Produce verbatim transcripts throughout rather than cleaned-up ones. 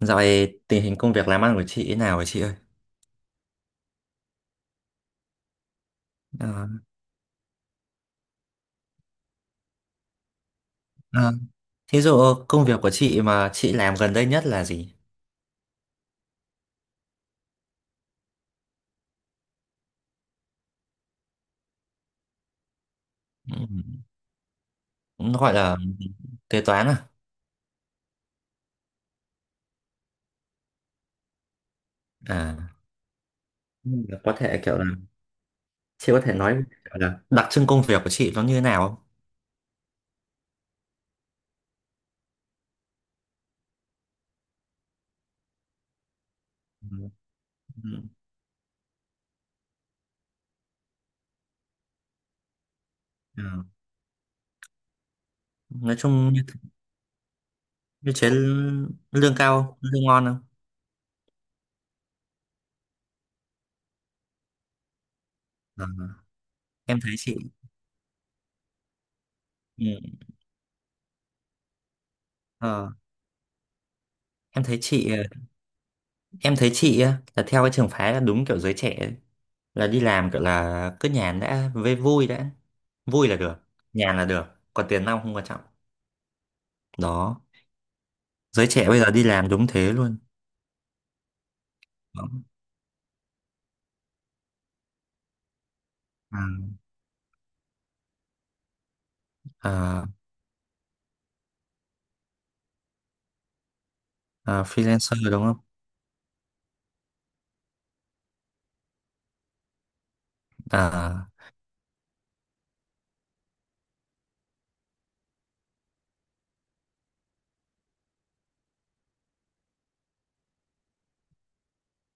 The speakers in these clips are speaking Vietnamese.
Dạo này tình hình công việc làm ăn của chị thế nào vậy chị ơi? Ờ, ờ, thí dụ công việc của chị mà chị làm gần đây nhất là gì? Ừ. Nó gọi là kế toán à? À, nhưng mà có thể kiểu là chị có thể nói kiểu là đặc trưng công việc của chị nó như thế nào không? Ừ, ừ. Ờ. Nói chung như, như chế lương cao không? Lương ngon không? Ờ, em thấy chị ừ, ờ, em thấy chị ờ, em thấy chị á, là theo cái trường phái là đúng kiểu giới trẻ ấy. Là đi làm gọi là cứ nhàn đã với vui đã, vui là được, nhàn là được, còn tiền nong không quan trọng. Đó, giới trẻ bây giờ đi làm đúng thế luôn. Đó. À, à, à, freelancer đúng không? À,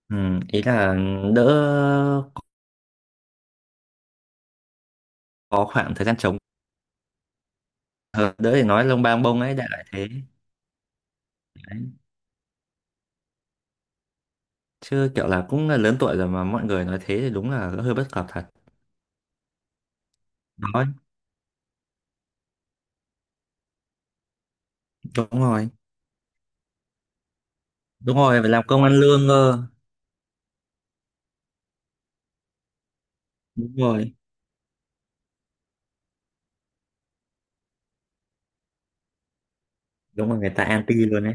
ừ, ý là đỡ, có khoảng thời gian trống. Ờ, đỡ để nói lông bang bông ấy, đại loại thế. Đấy. Chứ kiểu là cũng là lớn tuổi rồi mà mọi người nói thế thì đúng là hơi bất cập thật. Đó. Đúng rồi. Đúng rồi, phải làm công ăn lương cơ. Đúng rồi. Đúng rồi, người ta anti luôn đấy.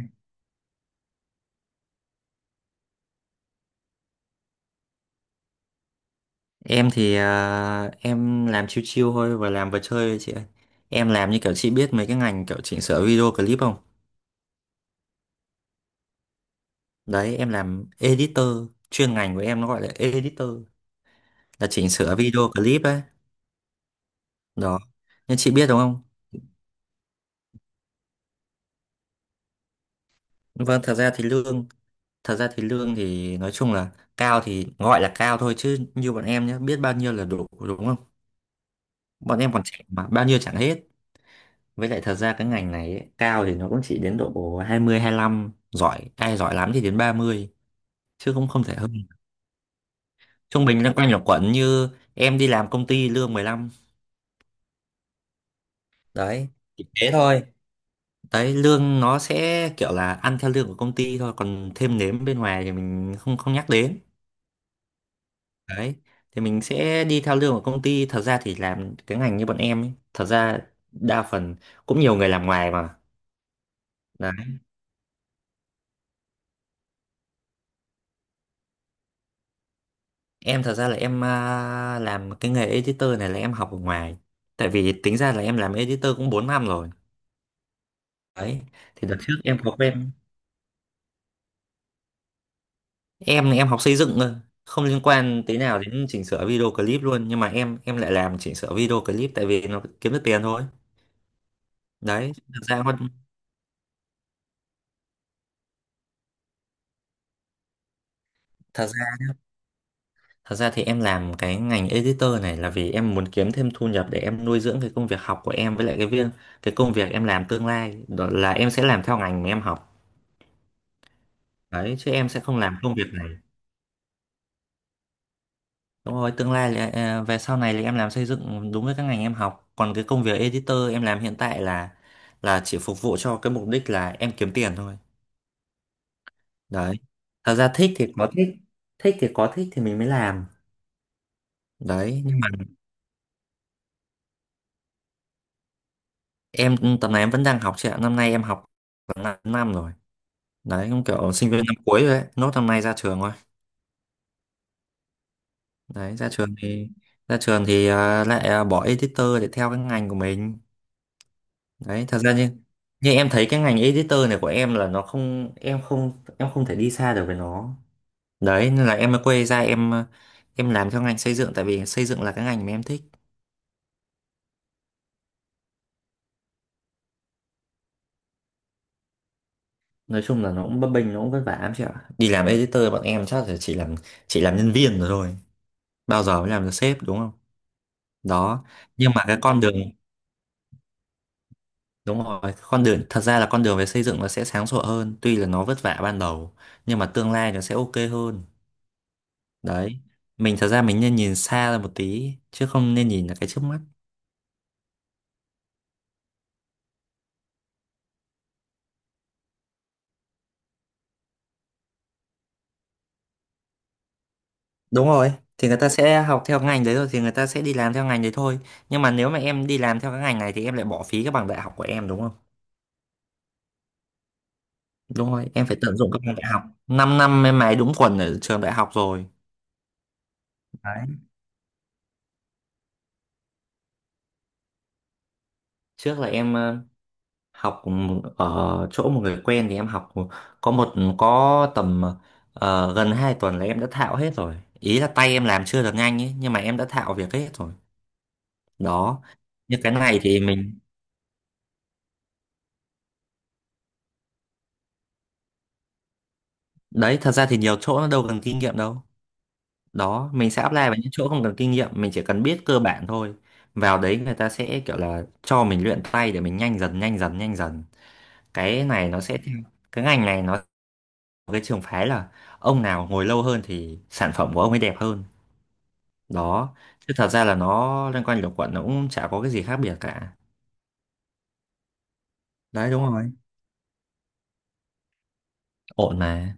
Em thì à, em làm chill chill thôi và làm vừa chơi thôi chị ơi. Em làm như kiểu chị biết mấy cái ngành kiểu chỉnh sửa video clip không? Đấy em làm editor, chuyên ngành của em nó gọi là editor, là chỉnh sửa video clip ấy. Đó. Nhưng chị biết đúng không? Vâng, thật ra thì lương, thật ra thì lương thì nói chung là cao thì gọi là cao thôi, chứ như bọn em nhé, biết bao nhiêu là đủ đúng không? Bọn em còn trẻ mà bao nhiêu chẳng hết. Với lại thật ra cái ngành này ấy, cao thì nó cũng chỉ đến độ hai mươi lăm, giỏi ai giỏi lắm thì đến ba mươi, chứ không không thể hơn. Trung bình loanh quanh là quẩn, như em đi làm công ty lương mười lăm đấy, chỉ thế thôi. Đấy, lương nó sẽ kiểu là ăn theo lương của công ty thôi, còn thêm nếm bên ngoài thì mình không không nhắc đến. Đấy, thì mình sẽ đi theo lương của công ty. Thật ra thì làm cái ngành như bọn em ấy, thật ra đa phần cũng nhiều người làm ngoài mà. Đấy, em thật ra là em à, làm cái nghề editor này là em học ở ngoài, tại vì tính ra là em làm editor cũng bốn năm rồi. Đấy, thì đợt trước em có quen, em em học xây dựng thôi, không liên quan tí nào đến chỉnh sửa video clip luôn, nhưng mà em em lại làm chỉnh sửa video clip tại vì nó kiếm được tiền thôi. Đấy, thật ra con- thật ra thật ra thì em làm cái ngành editor này là vì em muốn kiếm thêm thu nhập để em nuôi dưỡng cái công việc học của em, với lại cái viên cái công việc em làm tương lai đó là em sẽ làm theo ngành mà em học. Đấy, chứ em sẽ không làm công việc này. Đúng rồi, tương lai là à, về sau này thì em làm xây dựng đúng với các ngành em học. Còn cái công việc editor em làm hiện tại là là chỉ phục vụ cho cái mục đích là em kiếm tiền thôi. Đấy. Thật ra thích thì có thích, thích thì có thích thì mình mới làm. Đấy, nhưng mà em tầm này em vẫn đang học chị ạ. Năm nay em học khoảng 5 năm rồi. Đấy, cũng kiểu sinh viên năm cuối rồi đấy, nốt năm nay ra trường rồi. Đấy, ra trường thì ra trường thì à, lại à, bỏ editor để theo cái ngành của mình. Đấy, thật ra như như em thấy cái ngành editor này của em là nó không em không em không thể đi xa được với nó. Đấy, nên là em mới quay ra, em em làm theo ngành xây dựng, tại vì xây dựng là cái ngành mà em thích. Nói chung là nó cũng bấp bênh, nó cũng vất vả lắm chị ạ. Đi làm editor bọn em chắc là chỉ làm chỉ làm nhân viên rồi thôi, bao giờ mới làm được sếp đúng không? Đó, nhưng mà cái con đường, đúng rồi, con đường thật ra là con đường về xây dựng nó sẽ sáng sủa hơn, tuy là nó vất vả ban đầu nhưng mà tương lai nó sẽ ok hơn. Đấy, mình thật ra mình nên nhìn xa ra một tí chứ không nên nhìn là cái trước mắt. Đúng rồi, thì người ta sẽ học theo ngành đấy, rồi thì người ta sẽ đi làm theo ngành đấy thôi. Nhưng mà nếu mà em đi làm theo cái ngành này thì em lại bỏ phí cái bằng đại học của em đúng không? Đúng rồi, em phải tận dụng các bằng đại học 5 năm, năm em mày đúng quần ở trường đại học rồi. Đấy, trước là em ờ, học m- ở chỗ một người quen thì em học có một có tầm ờ, gần hai tuần là em đã thạo hết rồi, ý là tay em làm chưa được nhanh ấy nhưng mà em đã thạo việc hết rồi. Đó. Như cái này thì mình Đấy, thật ra thì nhiều chỗ nó đâu cần kinh nghiệm đâu. Đó, mình sẽ apply vào những chỗ không cần kinh nghiệm, mình chỉ cần biết cơ bản thôi. Vào đấy người ta sẽ kiểu là cho mình luyện tay để mình nhanh dần nhanh dần nhanh dần. Cái này nó sẽ theo, cái ngành này nó cái trường phái là ông nào ngồi lâu hơn thì sản phẩm của ông ấy đẹp hơn. Đó, chứ thật ra là nó loanh quanh luẩn quẩn, nó cũng chả có cái gì khác biệt cả. Đấy. Đúng rồi. Ổn mà.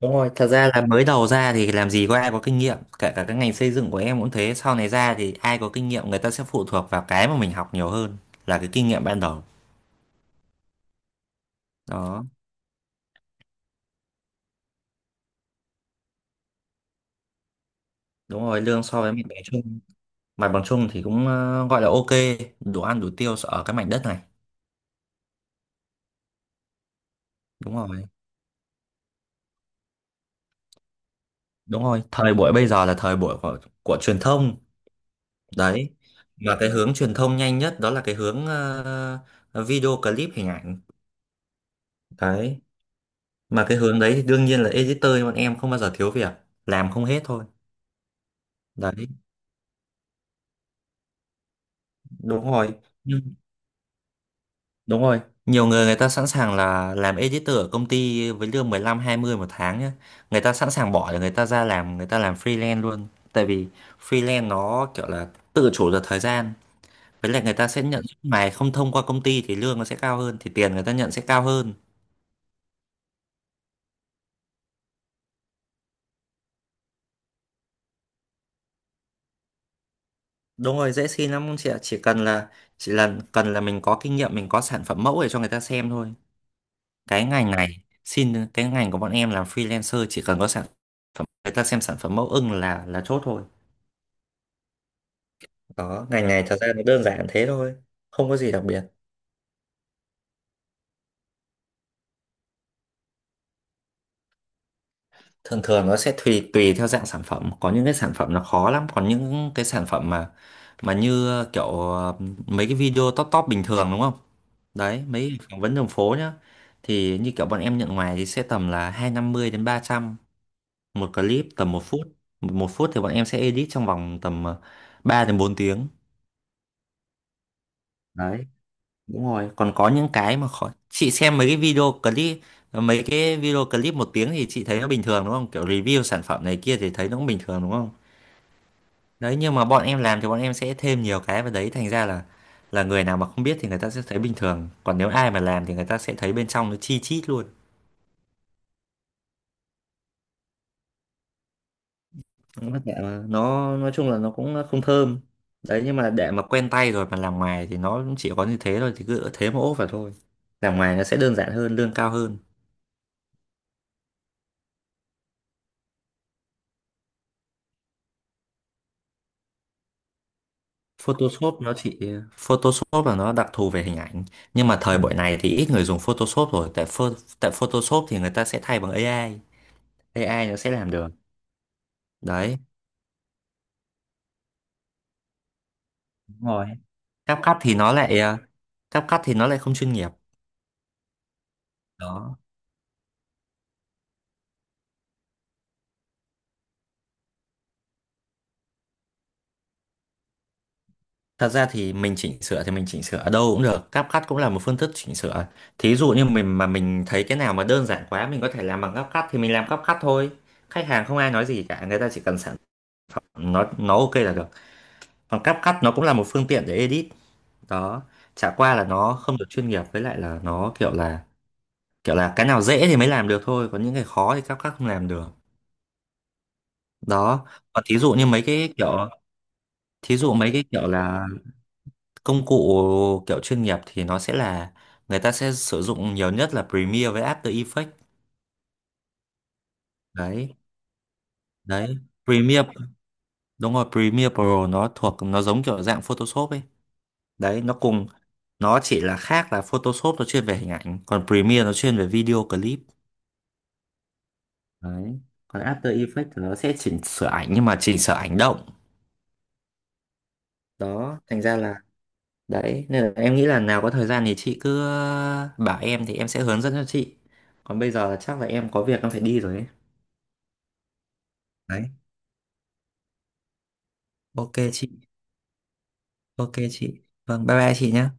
Đúng rồi, thật ra là mới đầu ra thì làm gì có ai có kinh nghiệm, kể cả cái ngành xây dựng của em cũng thế, sau này ra thì ai có kinh nghiệm, người ta sẽ phụ thuộc vào cái mà mình học nhiều hơn là cái kinh nghiệm ban đầu. Đó, đúng rồi, lương so với mặt bằng chung, mặt bằng chung thì cũng ờ, gọi là ok, đủ ăn đủ tiêu ở cái mảnh đất này. Đúng rồi. Đúng rồi, thời buổi bây giờ là thời buổi của, của truyền thông, đấy. Mà cái hướng truyền thông nhanh nhất đó là cái hướng ờ, video clip hình ảnh, đấy. Mà cái hướng đấy thì đương nhiên là editor bọn em không bao giờ thiếu việc, làm không hết thôi. Đấy, đúng rồi, nhưng đúng rồi, nhiều người, người ta sẵn sàng là làm editor ở công ty với lương mười lăm hai mươi một tháng nhá, người ta sẵn sàng bỏ để người ta ra làm, người ta làm freelance luôn, tại vì freelance nó kiểu là tự chủ được thời gian, với lại người ta sẽ nhận suốt ngày không thông qua công ty thì lương nó sẽ cao hơn, thì tiền người ta nhận sẽ cao hơn. Đúng rồi, dễ xin lắm chị ạ, chỉ cần là chỉ là cần là mình có kinh nghiệm, mình có sản phẩm mẫu để cho người ta xem thôi. Cái ngành này, xin cái ngành của bọn em làm freelancer chỉ cần có sản phẩm, người ta xem sản phẩm mẫu ưng là là chốt thôi. Đó, ngành này thật ra nó đơn giản thế thôi, không có gì đặc biệt. Thường thường nó sẽ tùy tùy theo dạng sản phẩm, có những cái sản phẩm nó khó lắm, còn những cái sản phẩm mà mà như kiểu ờ, mấy cái video top top bình thường đúng không? Đấy, mấy phỏng vấn đường phố nhá, thì như kiểu bọn em nhận ngoài thì sẽ tầm là hai trăm năm mươi đến ba trăm. Một clip tầm một phút, một phút thì bọn em sẽ edit trong vòng tầm ờ, ba đến bốn tiếng. Đấy, đúng rồi, còn có những cái mà khó, chị xem mấy cái video clip, mấy cái video clip một tiếng thì chị thấy nó bình thường đúng không, kiểu review sản phẩm này kia thì thấy nó cũng bình thường đúng không? Đấy, nhưng mà bọn em làm thì bọn em sẽ thêm nhiều cái vào đấy, thành ra là là người nào mà không biết thì người ta sẽ thấy bình thường, còn nếu ai mà làm thì người ta sẽ thấy bên trong nó chi chít luôn. Cũng vất vả mà, nó nói chung là nó cũng không thơm. Đấy, nhưng mà để mà quen tay rồi mà làm ngoài thì nó cũng chỉ có như thế thôi, thì cứ thế mà ốp vào thôi. Làm ngoài nó sẽ đơn giản hơn, lương cao hơn. Photoshop nó chỉ Photoshop là nó đặc thù về hình ảnh, nhưng mà thời buổi này thì ít người dùng Photoshop rồi, tại pho- tại Photoshop thì người ta sẽ thay bằng a i, a i nó sẽ làm được. Đấy. Đúng rồi. CapCut thì nó lại ờ, CapCut thì nó lại không chuyên nghiệp. Đó. Thật ra thì mình chỉnh sửa thì mình chỉnh sửa ở đâu cũng được, CapCut cũng là một phương thức chỉnh sửa. Thí dụ như mình mà mình thấy cái nào mà đơn giản quá mình có thể làm bằng CapCut thì mình làm CapCut thôi. Khách hàng không ai nói gì cả, người ta chỉ cần sản phẩm, nó nó ok là được. Còn CapCut nó cũng là một phương tiện để edit. Đó, chả qua là nó không được chuyên nghiệp, với lại là nó kiểu là kiểu là cái nào dễ thì mới làm được thôi, còn những cái khó thì CapCut không làm được. Đó, còn thí dụ như mấy cái kiểu, thí dụ mấy cái kiểu là công cụ kiểu chuyên nghiệp thì nó sẽ là người ta sẽ sử dụng nhiều nhất là Premiere với After Effects. Đấy. Đấy, Premiere, đúng rồi, Premiere Pro nó thuộc nó giống kiểu dạng Photoshop ấy. Đấy, nó cùng nó chỉ là khác là Photoshop nó chuyên về hình ảnh còn Premiere nó chuyên về video clip. Đấy. Còn After Effects thì nó sẽ chỉnh sửa ảnh nhưng mà chỉnh sửa ảnh động. Đó, thành ra là, đấy, nên là em nghĩ là nào có thời gian thì chị cứ ờ, bảo em thì em sẽ hướng dẫn cho chị, còn bây giờ là chắc là em có việc em phải đi rồi ấy. Đấy. Ok chị. Ok chị, vâng, bye bye chị nhé.